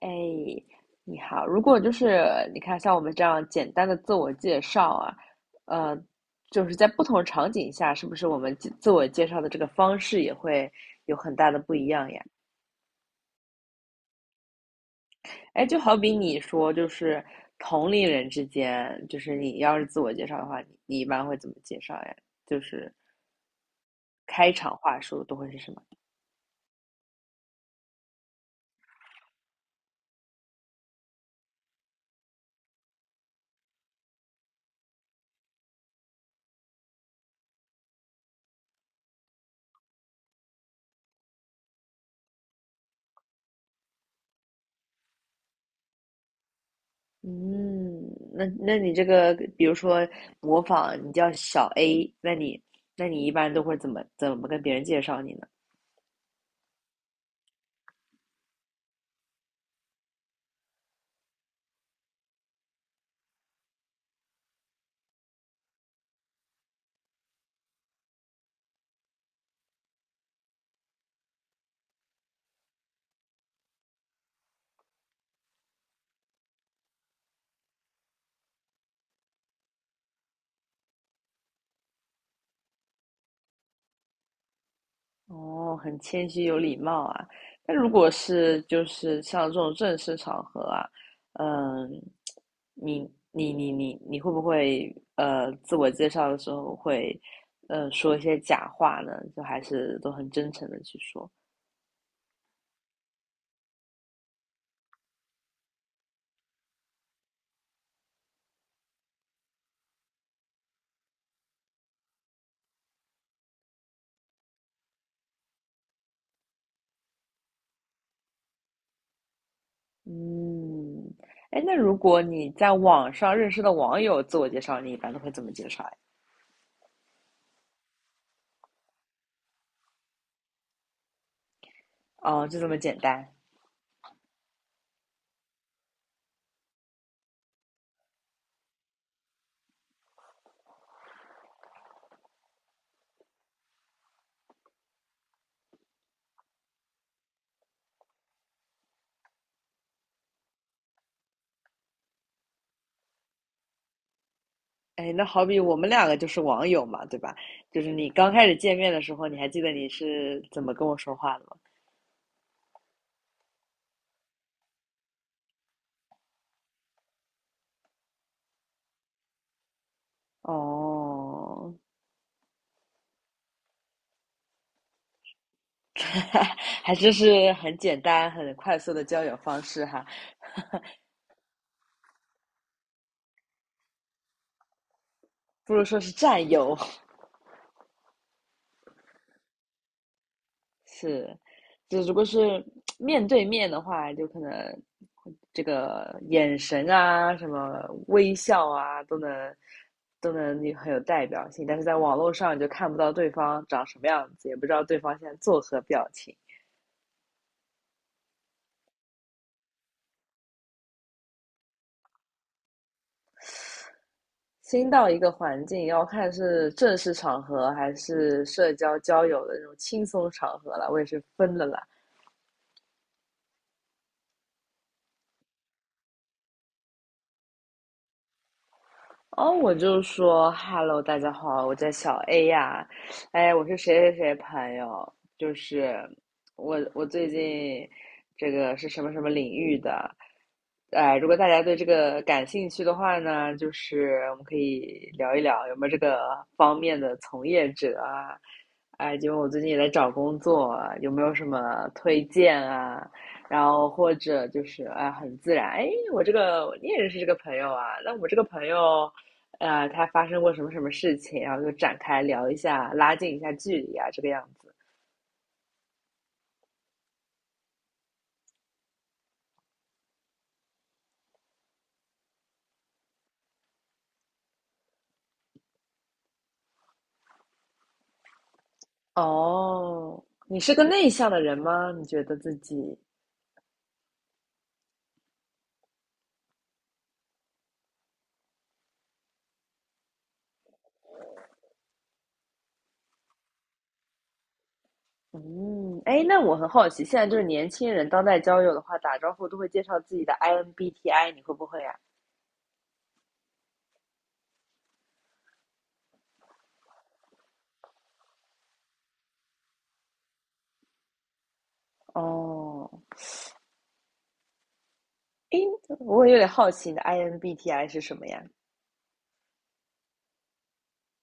哎，你好。如果就是你看，像我们这样简单的自我介绍啊，呃，就是在不同场景下，是不是我们自我介绍的这个方式也会有很大的不一样呀？哎，就好比你说，就是同龄人之间，就是你要是自我介绍的话，你一般会怎么介绍呀？就是开场话术都会是什么？嗯，那你这个，比如说模仿，你叫小 A,那你一般都会怎么跟别人介绍你呢？哦，很谦虚有礼貌啊。那如果是就是像这种正式场合啊，嗯，你你会不会自我介绍的时候会说一些假话呢？就还是都很真诚的去说？嗯，哎，那如果你在网上认识的网友自我介绍，你一般都会怎么介绍呀？哦，就这么简单。哎，那好比我们两个就是网友嘛，对吧？就是你刚开始见面的时候，你还记得你是怎么跟我说话的吗？哦，还真是很简单、很快速的交友方式哈，不如说是战友。是，就如果是面对面的话，就可能这个眼神啊，什么微笑啊，都能很有代表性。但是在网络上，你就看不到对方长什么样子，也不知道对方现在作何表情。新到一个环境，要看是正式场合还是社交交友的那种轻松场合了。我也是分了啦。哦，我就说 "Hello,大家好，我叫小 A 呀，哎，我是谁谁谁朋友，就是我最近这个是什么什么领域的，哎，如果大家对这个感兴趣的话呢，就是我们可以聊一聊有没有这个方面的从业者啊，哎，因为我最近也在找工作啊，有没有什么推荐啊？然后或者就是哎，很自然，哎，我这个你也认识这个朋友啊，那我这个朋友。他发生过什么什么事情，然后就展开聊一下，拉近一下距离啊，这个样子。哦，你是个内向的人吗？你觉得自己？嗯，哎，那我很好奇，现在就是年轻人当代交友的话，打招呼都会介绍自己的 INBTI,你会不会呀、哦，哎，我有点好奇你的 INBTI 是什么呀？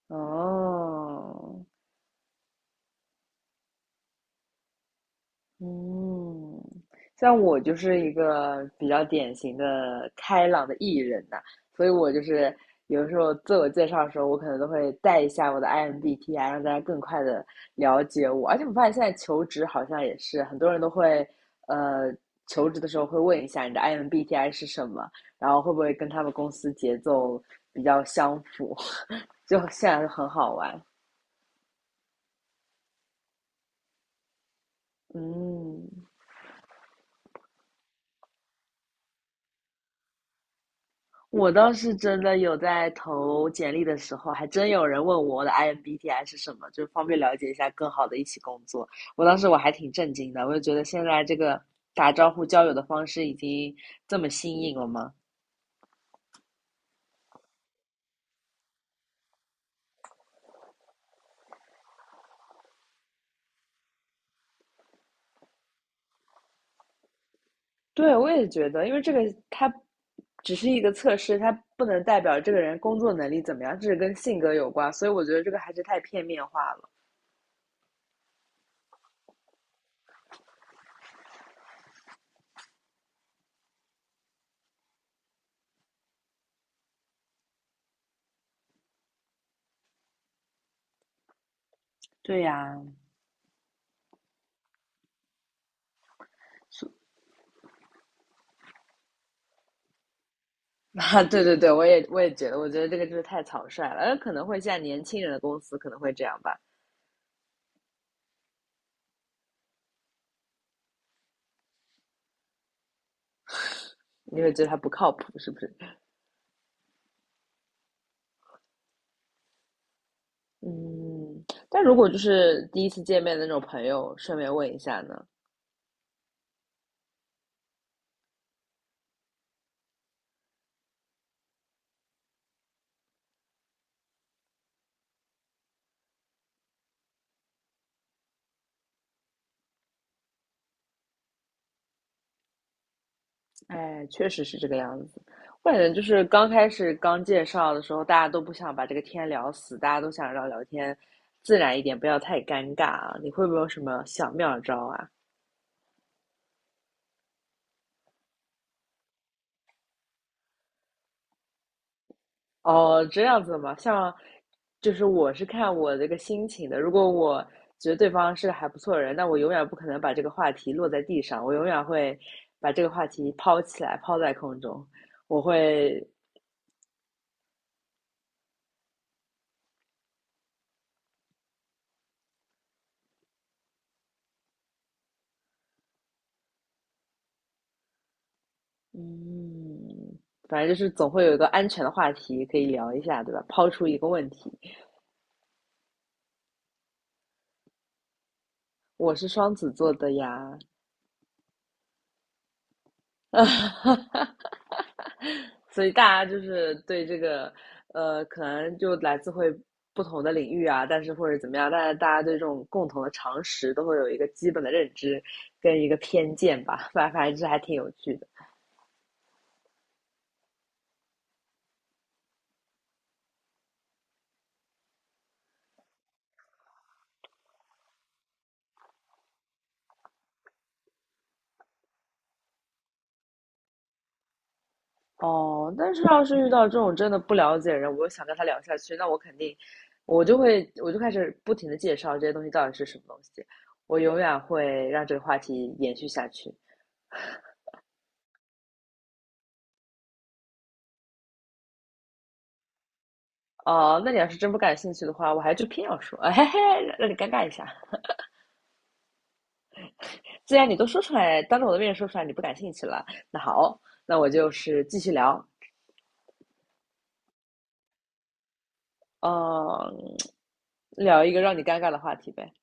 哦，嗯，像我就是一个比较典型的开朗的艺人呐、所以我就是有的时候自我介绍的时候，我可能都会带一下我的 IMBTI,让大家更快的了解我。而且我发现现在求职好像也是很多人都会，呃，求职的时候会问一下你的 IMBTI 是什么，然后会不会跟他们公司节奏比较相符，就现在就很好玩。嗯，我倒是真的有在投简历的时候，还真有人问我的 IMBTI 是什么，就方便了解一下更好的一起工作。我当时我还挺震惊的，我就觉得现在这个打招呼交友的方式已经这么新颖了吗？对，我也觉得，因为这个它只是一个测试，它不能代表这个人工作能力怎么样，这是跟性格有关，所以我觉得这个还是太片面化了。对呀，是 啊，对对对，我也觉得，我觉得这个就是太草率了，可能会像年轻人的公司可能会这样吧。你会觉得他不靠谱，是不是？嗯，但如果就是第一次见面的那种朋友，顺便问一下呢？哎，确实是这个样子。我感觉就是刚开始刚介绍的时候，大家都不想把这个天聊死，大家都想让聊天自然一点，不要太尴尬啊。你会不会有什么小妙招啊？哦，这样子嘛，像，就是我是看我这个心情的。如果我觉得对方是个还不错的人，那我永远不可能把这个话题落在地上，我永远会把这个话题抛起来，抛在空中。我会，嗯，反正就是总会有一个安全的话题可以聊一下，对吧？抛出一个问题，我是双子座的呀，啊，所以大家就是对这个，可能就来自会不同的领域啊，但是或者怎么样，但是大家对这种共同的常识都会有一个基本的认知跟一个偏见吧，反正这还挺有趣的。哦，但是要是遇到这种真的不了解的人，我又想跟他聊下去，那我肯定，我就开始不停的介绍这些东西到底是什么东西，我永远会让这个话题延续下去。哦，那你要是真不感兴趣的话，我还就偏要说，嘿嘿，让你尴尬一下。既然你都说出来，当着我的面说出来你不感兴趣了，那好，那我就是继续聊，嗯，聊一个让你尴尬的话题呗。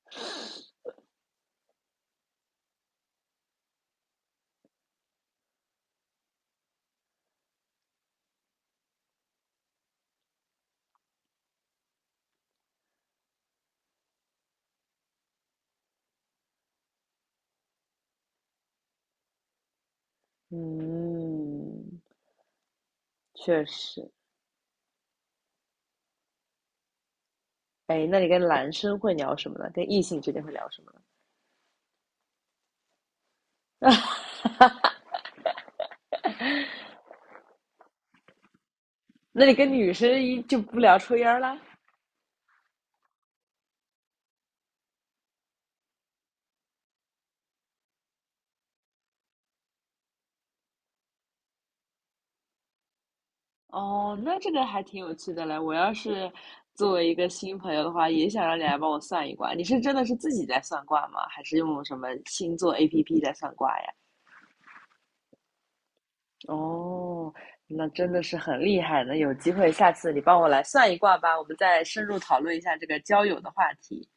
嗯，确实。哎，那你跟男生会聊什么呢？跟异性之间会聊什么呢？那你跟女生一就不聊抽烟了？哦，那这个还挺有趣的嘞。我要是作为一个新朋友的话，也想让你来帮我算一卦。你是真的是自己在算卦吗？还是用什么星座 APP 在算卦呀？哦，那真的是很厉害呢。有机会下次你帮我来算一卦吧，我们再深入讨论一下这个交友的话题。